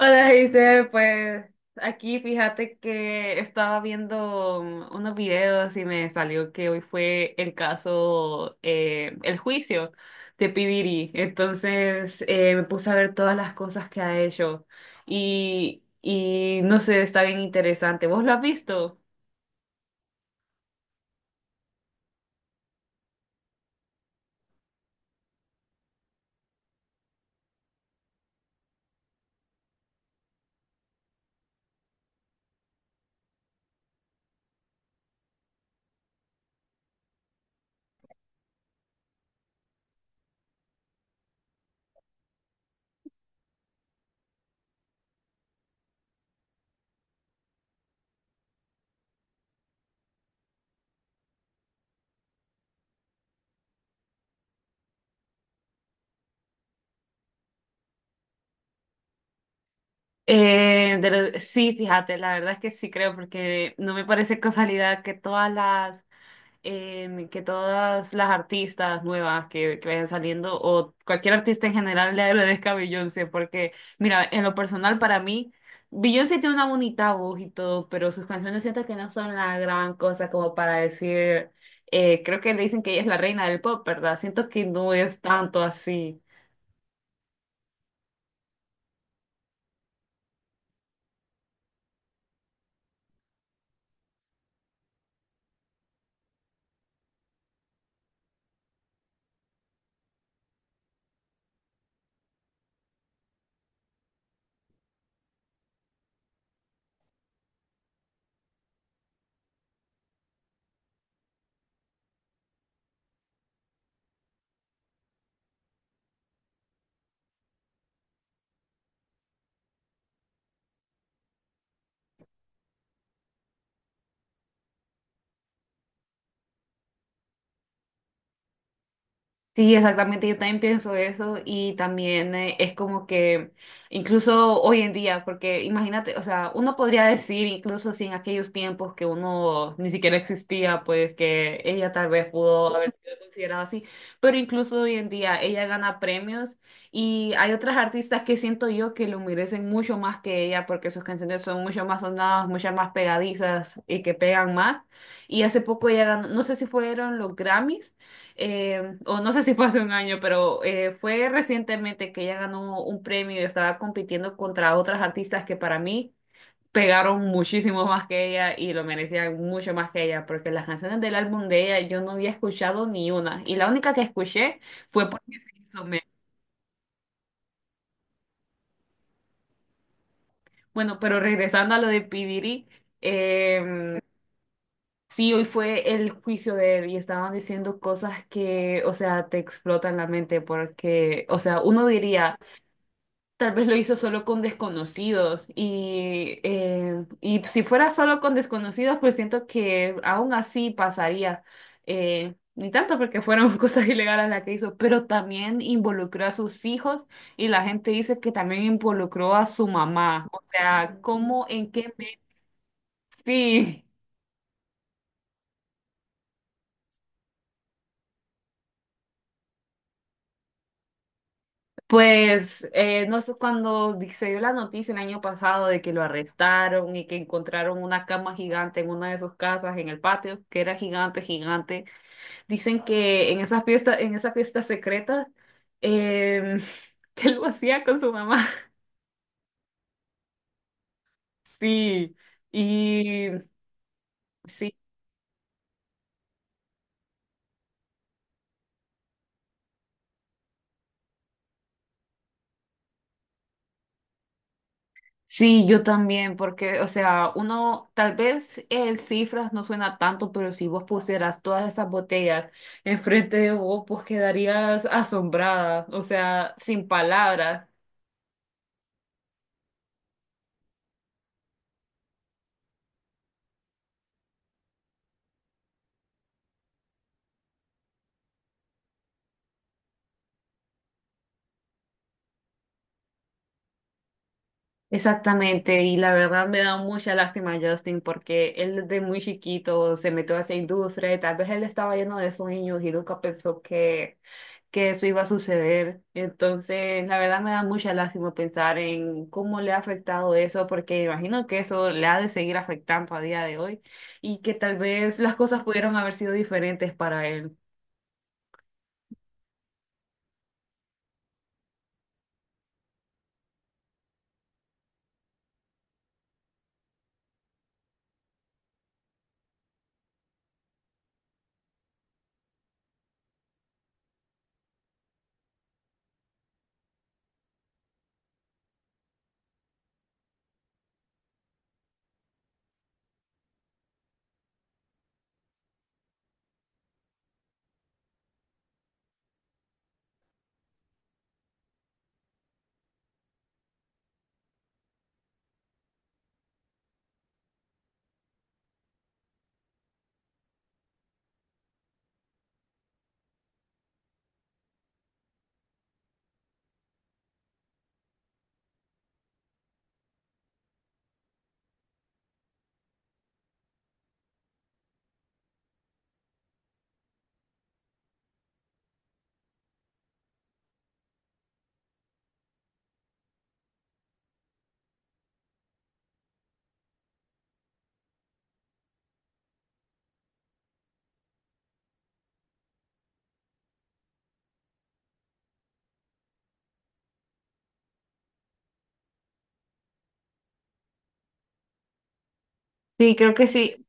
Hola, dice, pues aquí fíjate que estaba viendo unos videos y me salió que hoy fue el caso, el juicio de P. Diddy. Entonces me puse a ver todas las cosas que ha hecho y no sé, está bien interesante. ¿Vos lo has visto? Sí, fíjate, la verdad es que sí creo porque no me parece casualidad que todas las que todas las artistas nuevas que vayan saliendo o cualquier artista en general le agradezca a Beyoncé, porque mira, en lo personal para mí, Beyoncé tiene una bonita voz y todo, pero sus canciones siento que no son la gran cosa como para decir, creo que le dicen que ella es la reina del pop, ¿verdad? Siento que no es tanto así. Sí, exactamente, yo también pienso eso y también es como que incluso hoy en día, porque imagínate, o sea, uno podría decir incluso si en aquellos tiempos que uno ni siquiera existía, pues que ella tal vez pudo haber sido considerada así, pero incluso hoy en día ella gana premios y hay otras artistas que siento yo que lo merecen mucho más que ella porque sus canciones son mucho más sonadas, mucho más pegadizas y que pegan más. Y hace poco ella ganó, no sé si fueron los Grammys o no sé si fue hace un año, pero fue recientemente que ella ganó un premio y estaba compitiendo contra otras artistas que para mí pegaron muchísimo más que ella y lo merecían mucho más que ella, porque las canciones del álbum de ella yo no había escuchado ni una, y la única que escuché fue porque se hizo meme. Bueno, pero regresando a lo de Pidiri, eh, sí, hoy fue el juicio de él y estaban diciendo cosas que, o sea, te explotan la mente porque, o sea, uno diría, tal vez lo hizo solo con desconocidos y si fuera solo con desconocidos, pues siento que aún así pasaría. Ni tanto porque fueron cosas ilegales las que hizo, pero también involucró a sus hijos y la gente dice que también involucró a su mamá. O sea, ¿cómo, en qué me... Sí. Pues no sé, cuando se dio la noticia el año pasado de que lo arrestaron y que encontraron una cama gigante en una de sus casas en el patio, que era gigante, gigante, dicen que en esa fiesta secreta, em, que lo hacía con su mamá. Sí, y sí. Sí, yo también, porque, o sea, uno, tal vez el cifras no suena tanto, pero si vos pusieras todas esas botellas enfrente de vos, pues quedarías asombrada, o sea, sin palabras. Exactamente, y la verdad me da mucha lástima a Justin porque él desde muy chiquito se metió a esa industria y tal vez él estaba lleno de sueños y nunca pensó que eso iba a suceder. Entonces, la verdad me da mucha lástima pensar en cómo le ha afectado eso porque imagino que eso le ha de seguir afectando a día de hoy y que tal vez las cosas pudieron haber sido diferentes para él. Sí, creo que sí.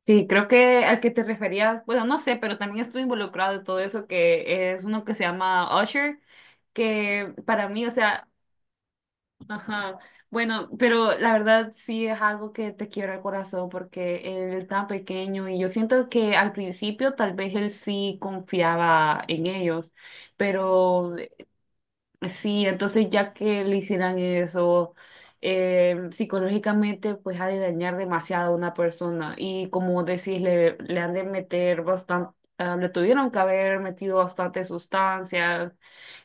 Sí, creo que al que te referías, bueno, no sé, pero también estoy involucrado en todo eso, que es uno que se llama Usher, que para mí, o sea, ajá, bueno, pero la verdad sí es algo que te quiebra el corazón porque él tan pequeño y yo siento que al principio tal vez él sí confiaba en ellos, pero sí, entonces ya que le hicieran eso, psicológicamente pues ha de dañar demasiado a una persona y como decís, le han de meter bastante, le tuvieron que haber metido bastante sustancias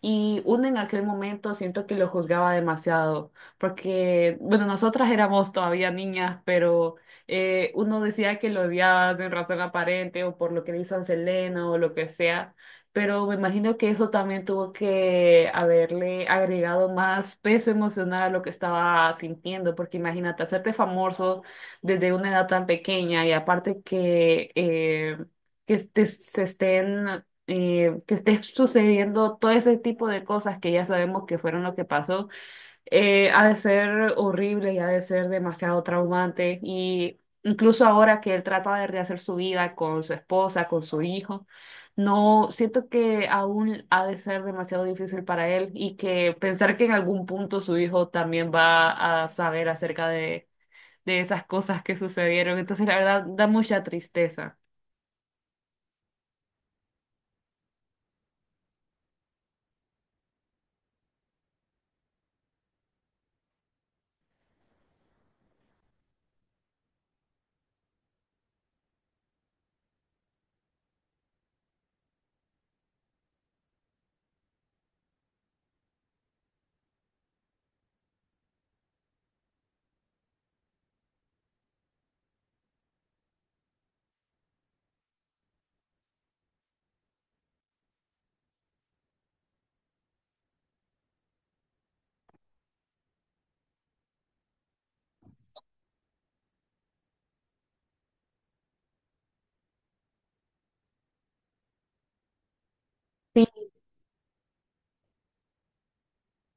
y uno en aquel momento siento que lo juzgaba demasiado porque, bueno, nosotras éramos todavía niñas, pero uno decía que lo odiaba de razón aparente o por lo que le hizo a Selena o lo que sea, pero me imagino que eso también tuvo que haberle agregado más peso emocional a lo que estaba sintiendo, porque imagínate, hacerte famoso desde una edad tan pequeña y aparte que, se estén... que esté sucediendo todo ese tipo de cosas que ya sabemos que fueron lo que pasó, ha de ser horrible y ha de ser demasiado traumante. Y incluso ahora que él trata de rehacer su vida con su esposa, con su hijo, no siento que aún ha de ser demasiado difícil para él y que pensar que en algún punto su hijo también va a saber acerca de esas cosas que sucedieron. Entonces, la verdad, da mucha tristeza.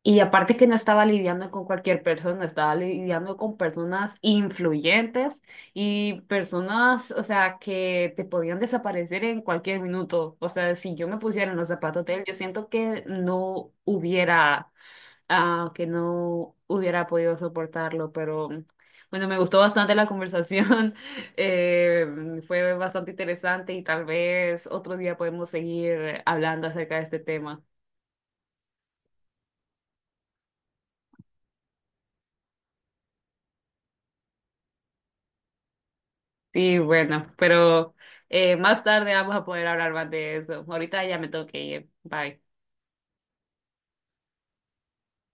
Y aparte que no estaba lidiando con cualquier persona, estaba lidiando con personas influyentes y personas, o sea, que te podían desaparecer en cualquier minuto. O sea, si yo me pusiera en los zapatos de él, yo siento que no hubiera, ah, que no hubiera podido soportarlo, pero bueno, me gustó bastante la conversación, fue bastante interesante y tal vez otro día podemos seguir hablando acerca de este tema. Sí, bueno, pero más tarde vamos a poder hablar más de eso. Ahorita ya me tengo que ir. Bye.